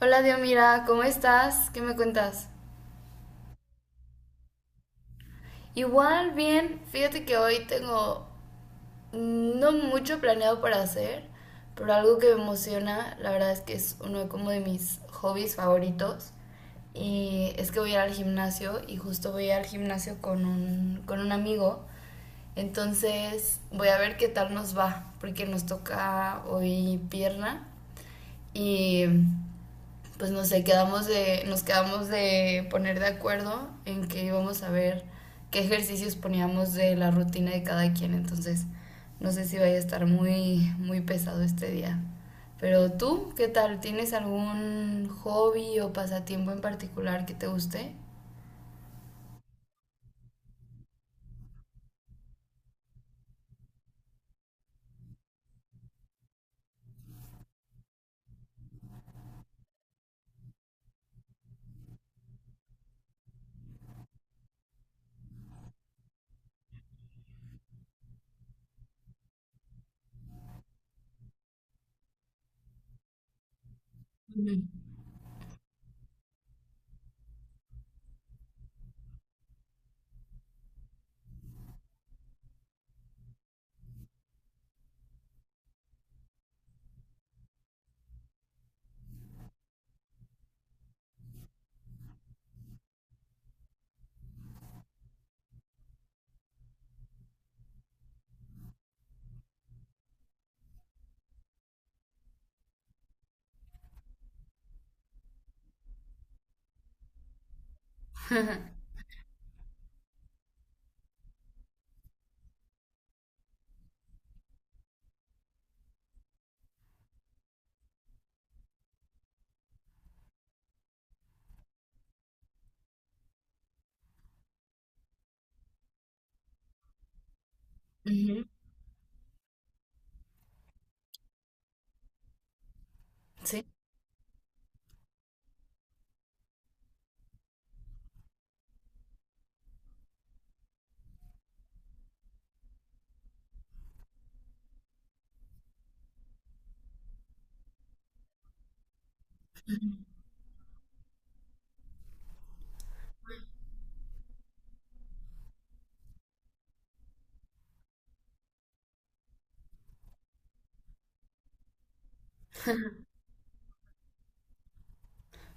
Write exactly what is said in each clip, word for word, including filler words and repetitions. Hola Diomira, ¿cómo estás? ¿Qué me cuentas? Igual, bien. Fíjate que hoy tengo no mucho planeado para hacer, pero algo que me emociona, la verdad es que es uno como de mis hobbies favoritos. Y es que voy a ir al gimnasio y justo voy a ir al gimnasio con un, con un amigo. Entonces voy a ver qué tal nos va, porque nos toca hoy pierna y pues no sé, quedamos de, nos quedamos de poner de acuerdo en que íbamos a ver qué ejercicios poníamos de la rutina de cada quien. Entonces, no sé si vaya a estar muy, muy pesado este día. Pero tú, ¿qué tal? ¿Tienes algún hobby o pasatiempo en particular que te guste? Ujú. Ujú. Sí.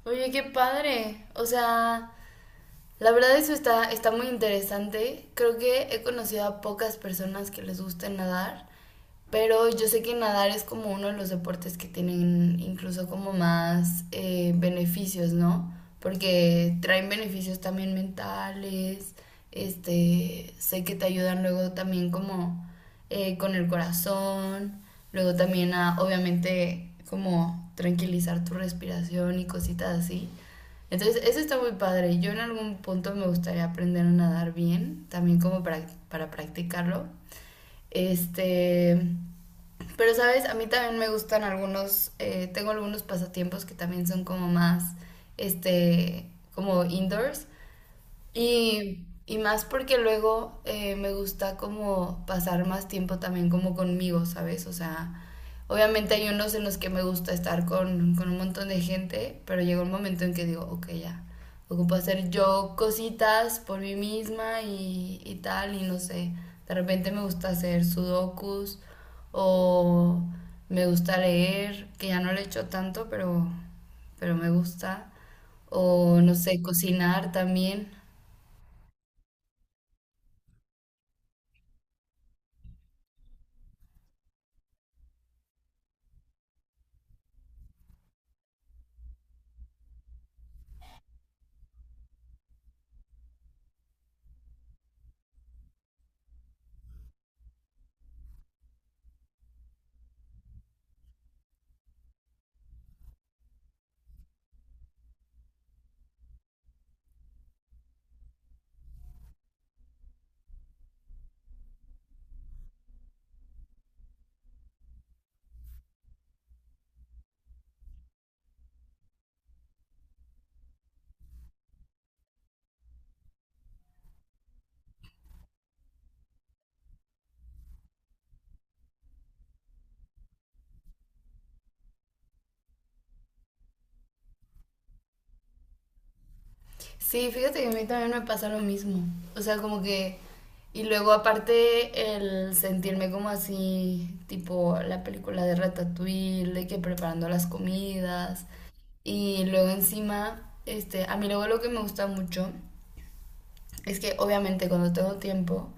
Oye, qué padre. O sea, la verdad eso está, está muy interesante. Creo que he conocido a pocas personas que les guste nadar. Pero yo sé que nadar es como uno de los deportes que tienen incluso como más eh, beneficios, ¿no? Porque traen beneficios también mentales, este, sé que te ayudan luego también como eh, con el corazón, luego también a, obviamente, como tranquilizar tu respiración y cositas así. Entonces, eso está muy padre. Yo en algún punto me gustaría aprender a nadar bien, también como para, para practicarlo. Este, pero, ¿sabes? A mí también me gustan algunos, eh, tengo algunos pasatiempos que también son como más, este, como indoors. Y, y más porque luego eh, me gusta como pasar más tiempo también como conmigo, ¿sabes? O sea, obviamente hay unos en los que me gusta estar con, con un montón de gente, pero llega un momento en que digo, ok, ya, ocupo hacer yo cositas por mí misma y, y tal, y no sé, de repente me gusta hacer sudokus o me gusta leer, que ya no lo he hecho tanto, pero, pero me gusta, o no sé, cocinar también. Sí, fíjate que a mí también me pasa lo mismo. O sea, como que... Y luego aparte el sentirme como así, tipo la película de Ratatouille, de que preparando las comidas. Y luego encima, este, a mí luego lo que me gusta mucho es que obviamente cuando tengo tiempo,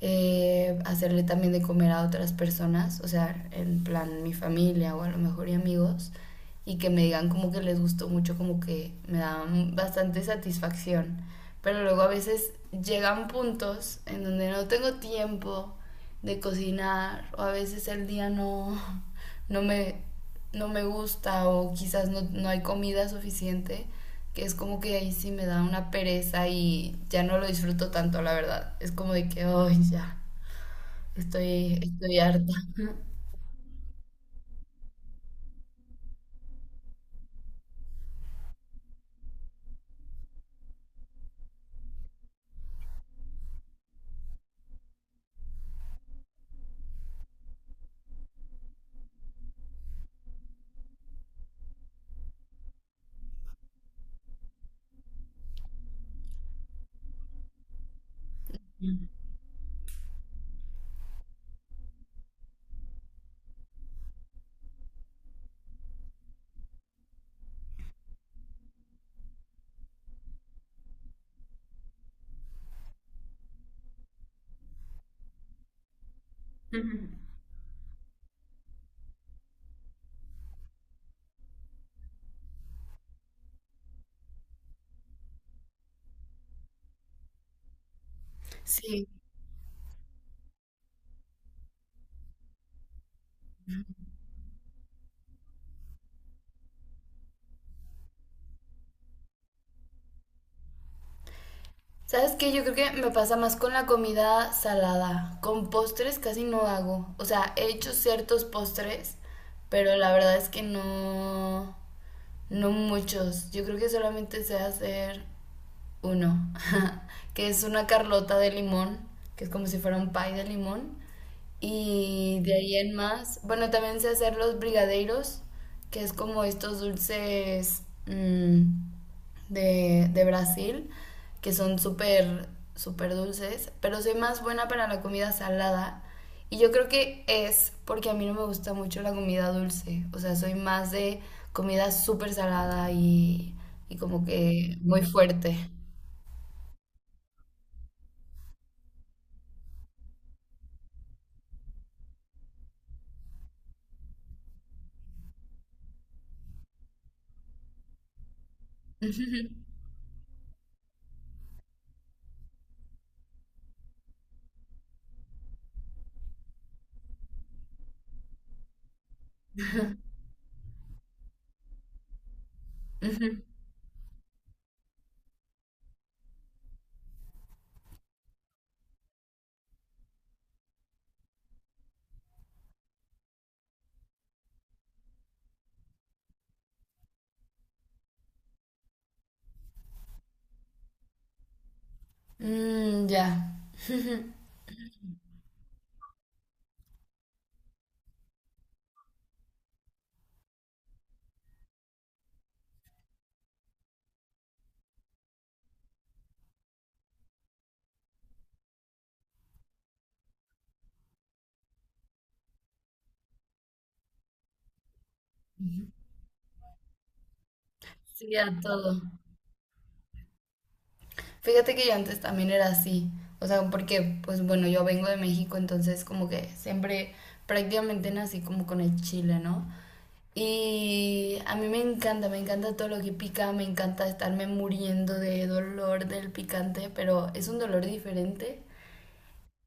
eh, hacerle también de comer a otras personas, o sea, en plan mi familia o a lo mejor y amigos, y que me digan como que les gustó mucho, como que me dan bastante satisfacción. Pero luego a veces llegan puntos en donde no tengo tiempo de cocinar o a veces el día no, no me no me gusta o quizás no, no hay comida suficiente, que es como que ahí sí me da una pereza y ya no lo disfruto tanto, la verdad. Es como de que, hoy ya, estoy, estoy harta. Sí. ¿Sabes qué? Yo creo que me pasa más con la comida salada. Con postres casi no hago. O sea, he hecho ciertos postres, pero la verdad es que no, no muchos. Yo creo que solamente sé hacer uno, que es una carlota de limón, que es como si fuera un pie de limón. Y de ahí en más, bueno, también sé hacer los brigadeiros, que es como estos dulces mm, de, de Brasil, que son súper, súper dulces, pero soy más buena para la comida salada. Y yo creo que es porque a mí no me gusta mucho la comida dulce, o sea, soy más de comida súper salada y, y como que muy fuerte. Ujú, ujú. Mm, ya. Sí, a todo. Fíjate que yo antes también era así. O sea, porque, pues bueno, yo vengo de México, entonces como que siempre prácticamente nací como con el chile, ¿no? Y a mí me encanta, me encanta todo lo que pica, me encanta estarme muriendo de dolor del picante, pero es un dolor diferente.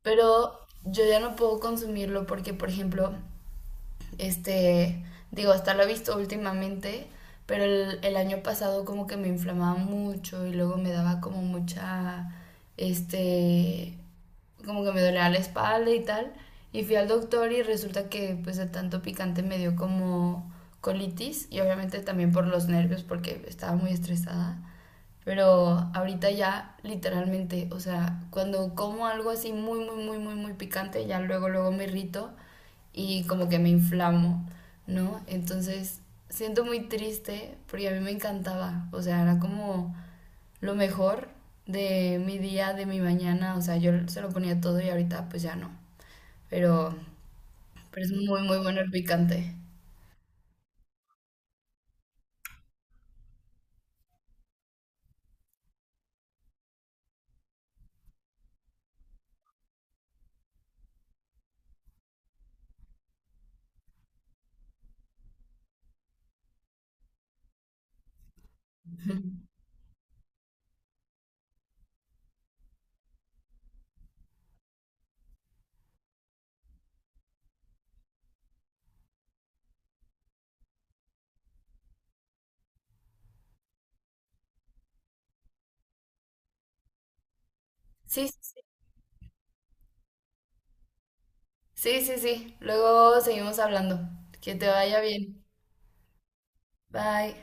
Pero yo ya no puedo consumirlo porque, por ejemplo, este, digo, hasta lo he visto últimamente, pero el, el año pasado como que me inflamaba mucho y luego me daba como mucha, este, como que me dolía la espalda y tal. Y fui al doctor y resulta que pues de tanto picante me dio como colitis y obviamente también por los nervios porque estaba muy estresada. Pero ahorita ya, literalmente, o sea, cuando como algo así muy, muy, muy, muy, muy picante, ya luego, luego me irrito y como que me inflamo, ¿no? Entonces, siento muy triste porque a mí me encantaba, o sea, era como lo mejor de mi día, de mi mañana, o sea, yo se lo ponía todo y ahorita pues ya no. Pero, pero es muy, muy bueno el picante. Sí, sí, sí. Sí, sí, sí. Luego seguimos hablando. Que te vaya bien. Bye.